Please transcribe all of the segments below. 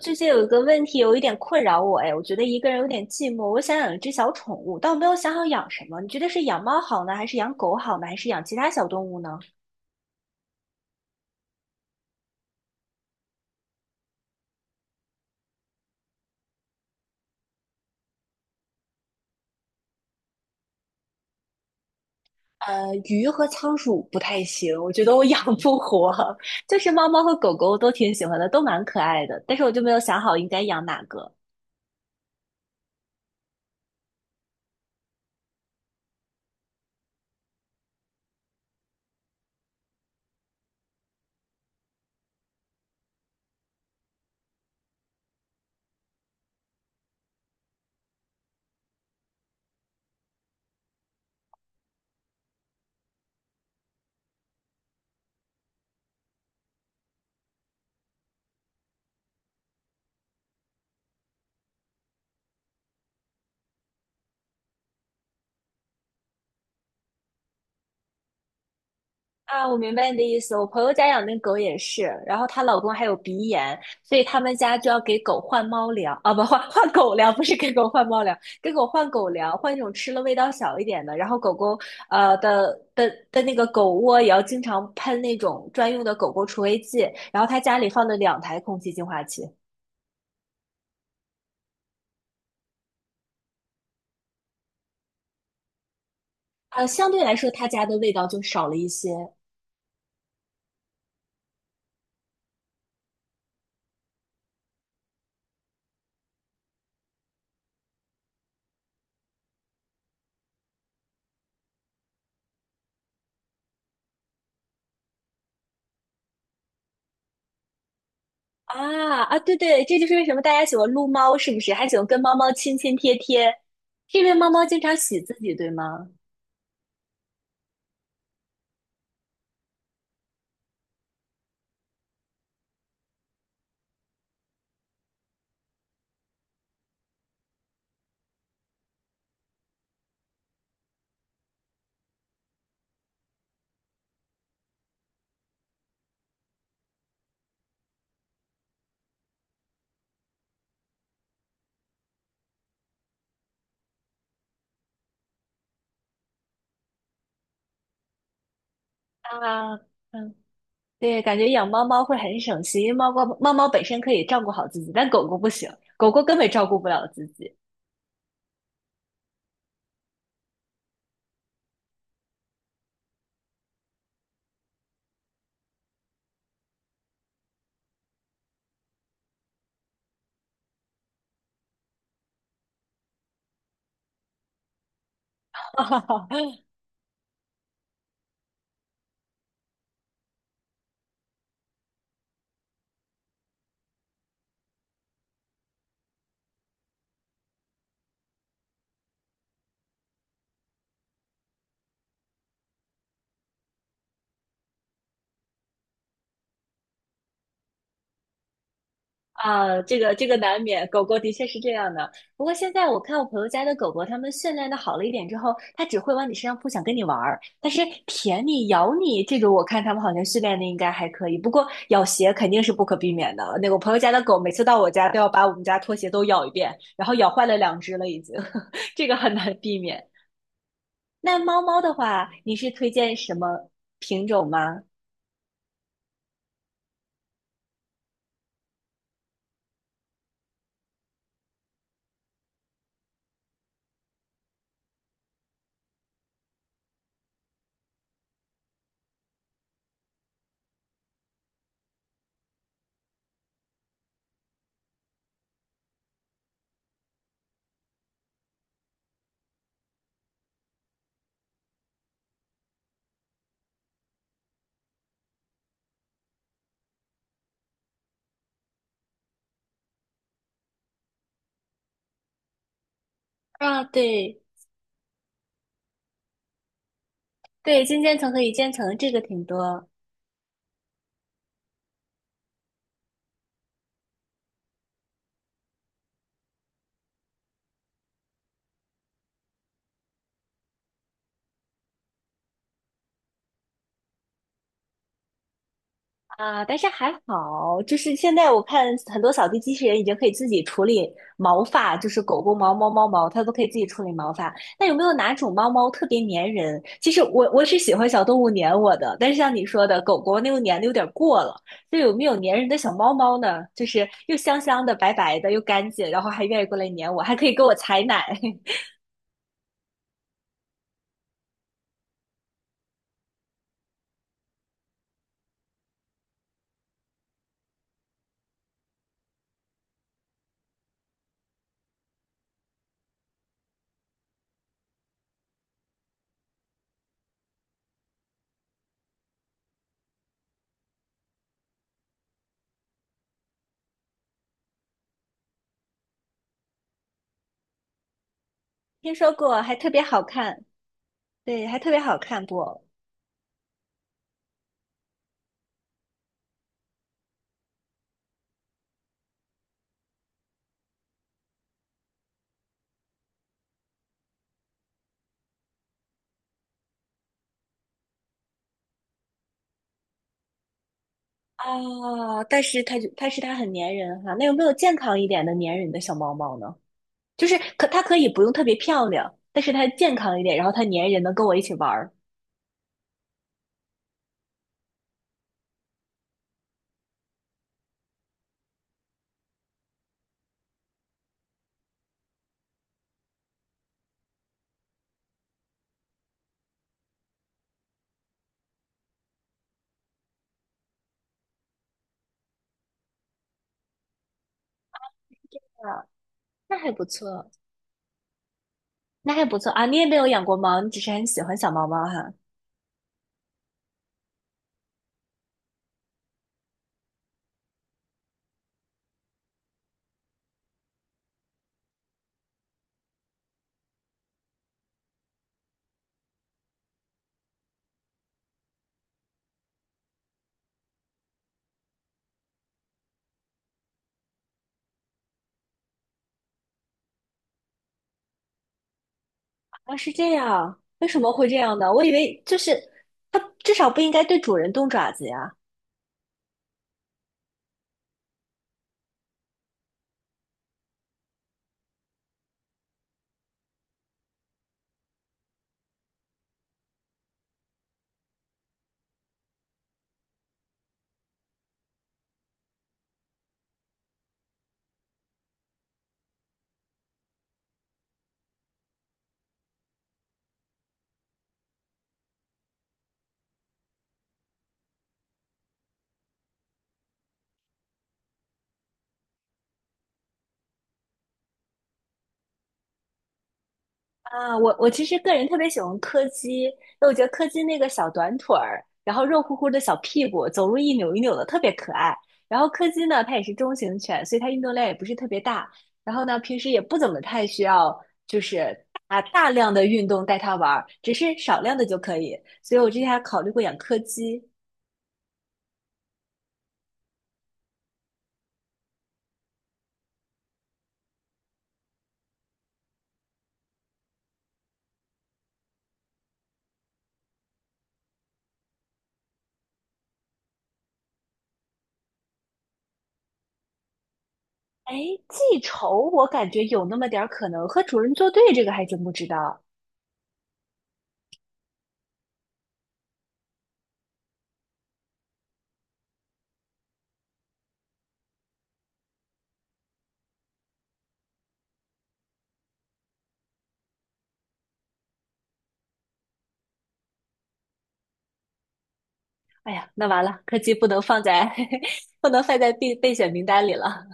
最近有一个问题有一点困扰我，哎，我觉得一个人有点寂寞，我想养一只小宠物，但我没有想好养什么。你觉得是养猫好呢，还是养狗好呢，还是养其他小动物呢？鱼和仓鼠不太行，我觉得我养不活。就是猫猫和狗狗我都挺喜欢的，都蛮可爱的，但是我就没有想好应该养哪个。啊，我明白你的意思。我朋友家养那狗也是，然后她老公还有鼻炎，所以他们家就要给狗换猫粮啊，不换换狗粮，不是给狗换猫粮，给狗换狗粮，换一种吃了味道小一点的。然后狗狗的那个狗窝也要经常喷那种专用的狗狗除味剂。然后他家里放了两台空气净化器，相对来说他家的味道就少了一些。啊啊，对对，这就是为什么大家喜欢撸猫，是不是？还喜欢跟猫猫亲亲贴贴，是因为猫猫经常洗自己，对吗？啊，嗯，对，感觉养猫猫会很省心，因为猫猫本身可以照顾好自己，但狗狗不行，狗狗根本照顾不了自己。啊，这个难免，狗狗的确是这样的。不过现在我看我朋友家的狗狗，它们训练的好了一点之后，它只会往你身上扑，想跟你玩儿。但是舔你、咬你这种，我看它们好像训练的应该还可以。不过咬鞋肯定是不可避免的。那个我朋友家的狗，每次到我家都要把我们家拖鞋都咬一遍，然后咬坏了两只了已经，这个很难避免。那猫猫的话，你是推荐什么品种吗？啊，对对，金渐层和一渐层这个挺多。啊，但是还好，就是现在我看很多扫地机器人已经可以自己处理毛发，就是狗狗毛、猫猫毛，它都可以自己处理毛发。那有没有哪种猫猫特别粘人？其实我是喜欢小动物粘我的，但是像你说的，狗狗那个粘的有点过了。就有没有粘人的小猫猫呢？就是又香香的、白白的，又干净，然后还愿意过来粘我，还可以给我采奶。听说过，还特别好看，对，还特别好看不？哦，但是它很粘人哈，那有没有健康一点的粘人的小猫猫呢？就是可它可以不用特别漂亮，但是它健康一点，然后它粘人能跟我一起玩儿。啊，那还不错，那还不错啊！你也没有养过猫，你只是很喜欢小猫猫哈。啊，是这样，为什么会这样呢？我以为就是它至少不应该对主人动爪子呀。啊，我其实个人特别喜欢柯基，因为我觉得柯基那个小短腿儿，然后肉乎乎的小屁股，走路一扭一扭的，特别可爱。然后柯基呢，它也是中型犬，所以它运动量也不是特别大。然后呢，平时也不怎么太需要，就是大大量的运动带它玩儿，只是少量的就可以。所以我之前还考虑过养柯基。哎，记仇我感觉有那么点儿可能，和主人作对这个还真不知道。哎呀，那完了，柯基不能放在 不能放在备选名单里了。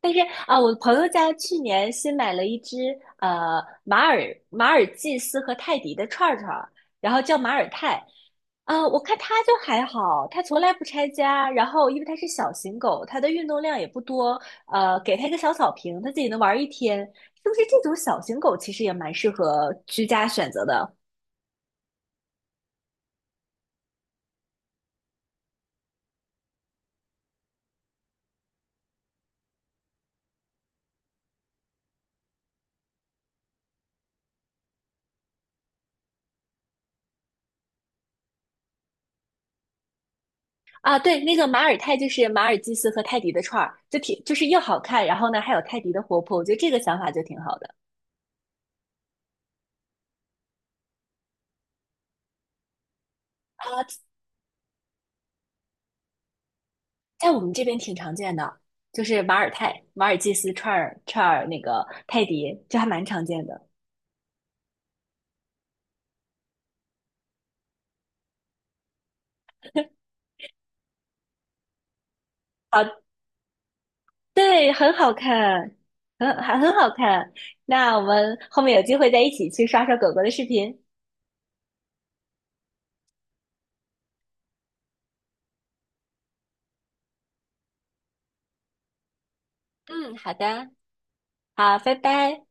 但是啊，我朋友家去年新买了一只呃马尔马尔济斯和泰迪的串儿，然后叫马尔泰。啊，我看它就还好，它从来不拆家。然后，因为它是小型狗，它的运动量也不多。呃，给它一个小草坪，它自己能玩一天。是不是这种小型狗其实也蛮适合居家选择的？啊，对，那个马尔泰就是马尔济斯和泰迪的串儿，就是又好看，然后呢还有泰迪的活泼，我觉得这个想法就挺好的。啊。在我们这边挺常见的，就是马尔泰、马尔济斯串儿那个泰迪，就还蛮常见的。啊。对，很好看，很好看。那我们后面有机会再一起去刷刷狗狗的视频。嗯，好的，好，拜拜。